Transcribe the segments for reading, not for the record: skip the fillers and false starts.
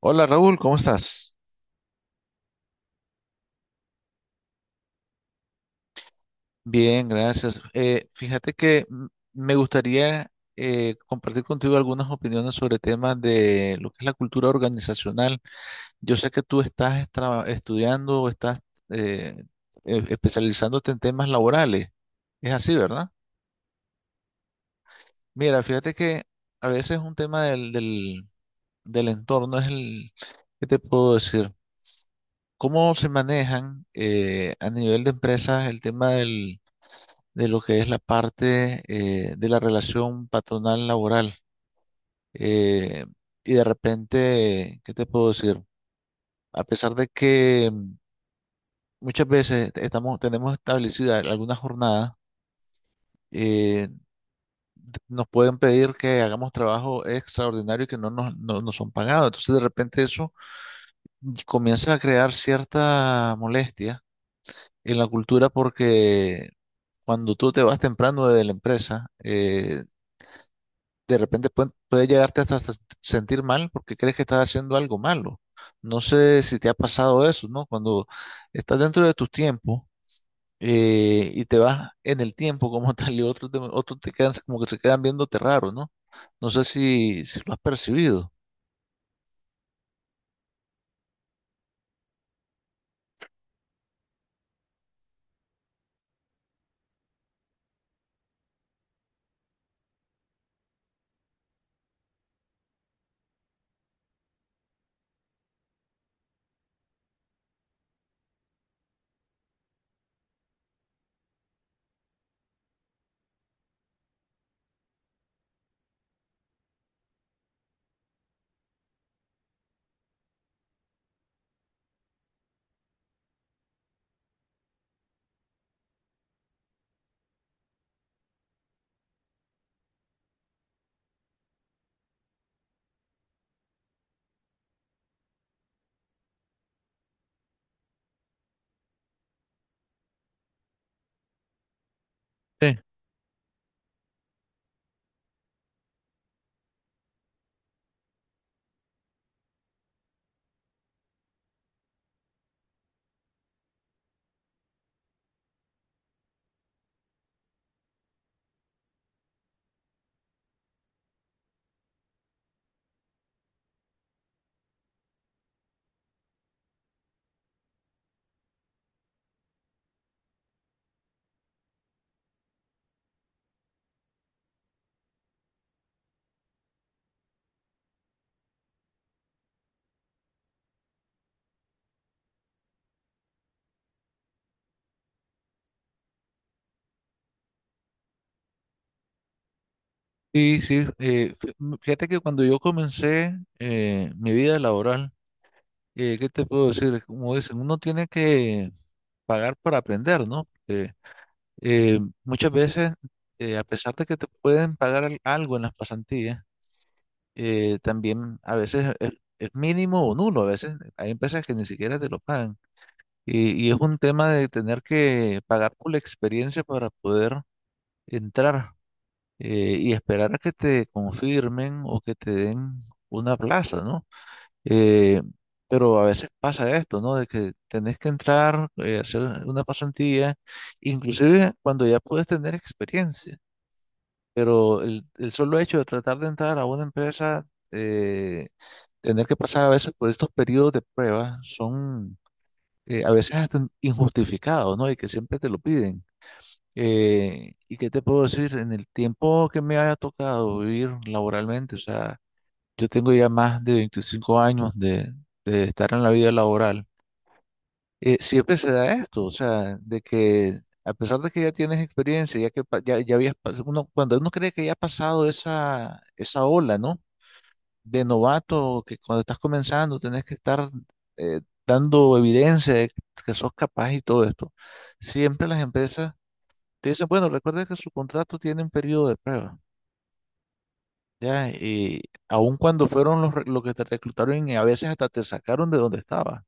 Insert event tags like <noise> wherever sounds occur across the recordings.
Hola Raúl, ¿cómo estás? Bien, gracias. Fíjate que me gustaría compartir contigo algunas opiniones sobre temas de lo que es la cultura organizacional. Yo sé que tú estás estudiando o estás eh, especializándote en temas laborales. Es así, ¿verdad? Mira, fíjate que a veces un tema del entorno es el, ¿qué te puedo decir? ¿Cómo se manejan a nivel de empresas el tema del de lo que es la parte de la relación patronal laboral? Eh, y de repente, ¿qué te puedo decir? A pesar de que muchas veces estamos, tenemos establecida alguna jornada, eh, nos pueden pedir que hagamos trabajo extraordinario y que no nos son pagados. Entonces, de repente eso comienza a crear cierta molestia en la cultura porque cuando tú te vas temprano de la empresa, de repente puede llegarte hasta sentir mal porque crees que estás haciendo algo malo. No sé si te ha pasado eso, ¿no? Cuando estás dentro de tus tiempos y te vas en el tiempo como <laughs> tal y otros te quedan como que se quedan viéndote raro, ¿no? No sé si, si lo has percibido. Sí, sí, sí. Fíjate que cuando yo comencé mi vida laboral, ¿qué te puedo decir? Como dicen, uno tiene que pagar para aprender, ¿no? Muchas veces, a pesar de que te pueden pagar algo en las pasantías, también a veces es mínimo o nulo. A veces hay empresas que ni siquiera te lo pagan. Y es un tema de tener que pagar por la experiencia para poder entrar y esperar a que te confirmen o que te den una plaza, ¿no? Eh, pero a veces pasa esto, ¿no? De que tenés que entrar, hacer una pasantía, inclusive cuando ya puedes tener experiencia. Pero el solo hecho de tratar de entrar a una empresa, eh, tener que pasar a veces por estos periodos de prueba, son a veces hasta injustificados, ¿no? Y que siempre te lo piden. ¿Y qué te puedo decir? En el tiempo que me haya tocado vivir laboralmente, o sea, yo tengo ya más de 25 años de estar en la vida laboral, siempre se da esto, o sea, de que a pesar de que ya tienes experiencia, ya que ya habías, cuando uno cree que ya ha pasado esa ola, ¿no? De novato, que cuando estás comenzando tenés que estar eh, dando evidencia de que sos capaz y todo esto. Siempre las empresas te dicen, bueno, recuerda que su contrato tiene un periodo de prueba, ¿ya? Y aun cuando fueron los que te reclutaron y a veces hasta te sacaron de donde estabas.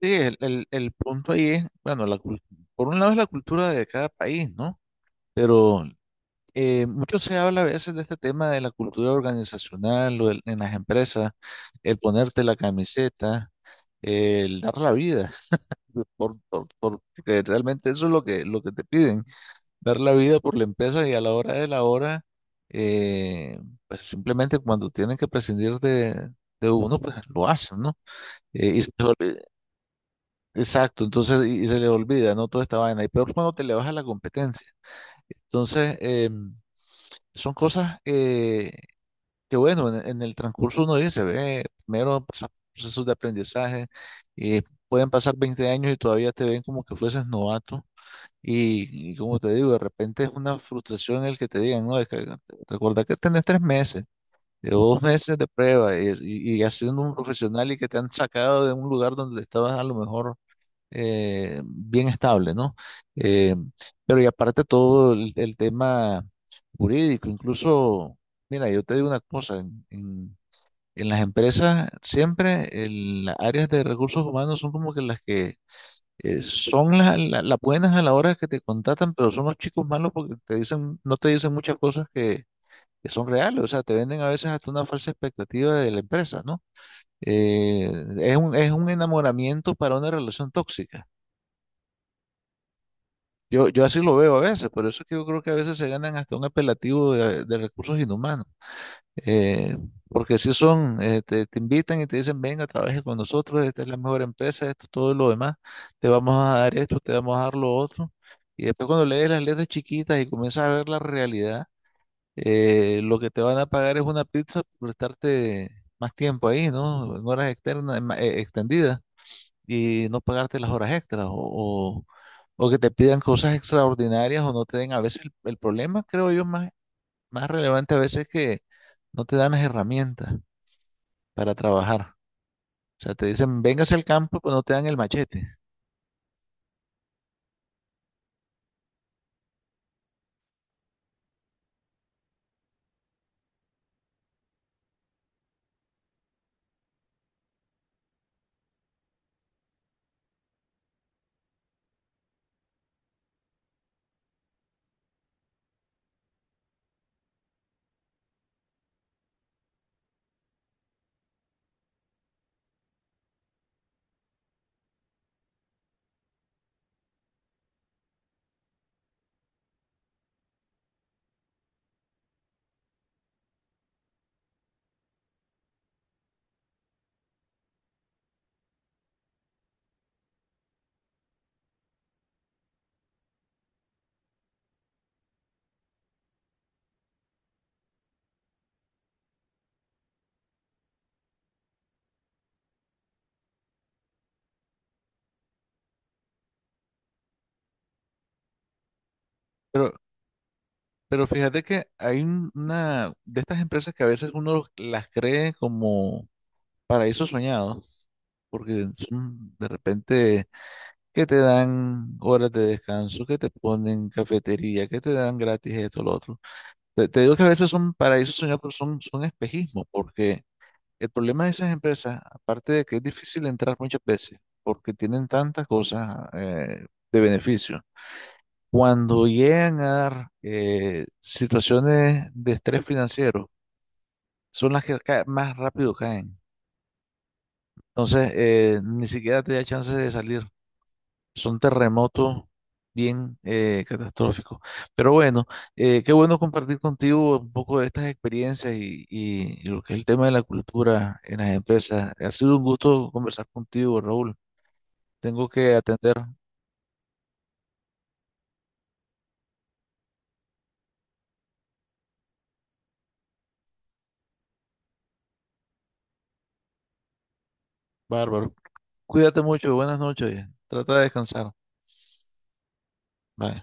Sí, el punto ahí es, bueno, por un lado es la cultura de cada país, ¿no? Pero mucho se habla a veces de este tema de la cultura organizacional o en las empresas, el ponerte la camiseta, el dar la vida, <laughs> porque realmente eso es lo que te piden, dar la vida por la empresa y a la hora de la hora, eh, pues simplemente cuando tienen que prescindir de uno, pues lo hacen, ¿no? Eh, y se, Exacto, entonces y se le olvida, ¿no? Toda esta vaina. Y peor cuando te le baja la competencia. Entonces, son cosas que, bueno, en el transcurso uno dice, ve, primero pasas procesos de aprendizaje, y pueden pasar 20 años y todavía te ven como que fueses novato. Y como te digo, de repente es una frustración el que te digan, no, es que recuerda que tenés 3 meses o 2 meses de prueba y haciendo un profesional y que te han sacado de un lugar donde estabas a lo mejor bien estable, ¿no? Eh, pero y aparte todo el tema jurídico, incluso, mira, yo te digo una cosa, en las empresas siempre las áreas de recursos humanos son como que las que son las buenas a la hora que te contratan, pero son los chicos malos porque te dicen, no te dicen muchas cosas que son reales, o sea, te venden a veces hasta una falsa expectativa de la empresa, ¿no? Eh, es es un enamoramiento para una relación tóxica. Yo así lo veo a veces, por eso es que yo creo que a veces se ganan hasta un apelativo de recursos inhumanos. Eh, Porque si son, te invitan y te dicen, venga, trabaje con nosotros, esta es la mejor empresa, esto, todo lo demás, te vamos a dar esto, te vamos a dar lo otro. Y después cuando lees las letras chiquitas y comienzas a ver la realidad, lo que te van a pagar es una pizza por estarte más tiempo ahí, ¿no? En horas externas, extendidas y no pagarte las horas extras o que te pidan cosas extraordinarias o no te den a veces el problema, creo yo, más relevante a veces es que no te dan las herramientas para trabajar. O sea, te dicen, véngase al campo, pero no te dan el machete. Pero, pero fíjate que hay una de estas empresas que a veces uno las cree como paraísos soñados, porque son de repente que te dan horas de descanso, que te ponen cafetería, que te dan gratis esto, lo otro. Te digo que a veces son paraísos soñados, pero son espejismo, porque el problema de esas empresas, aparte de que es difícil entrar muchas veces, porque tienen tantas cosas de beneficio, cuando llegan a dar situaciones de estrés financiero, son las que más rápido caen. Entonces, ni siquiera te da chance de salir. Son terremotos bien catastrófico. Pero bueno, qué bueno compartir contigo un poco de estas experiencias y lo que es el tema de la cultura en las empresas. Ha sido un gusto conversar contigo, Raúl. Tengo que atender. Bárbaro. Cuídate mucho. Buenas noches. Trata de descansar. Bye.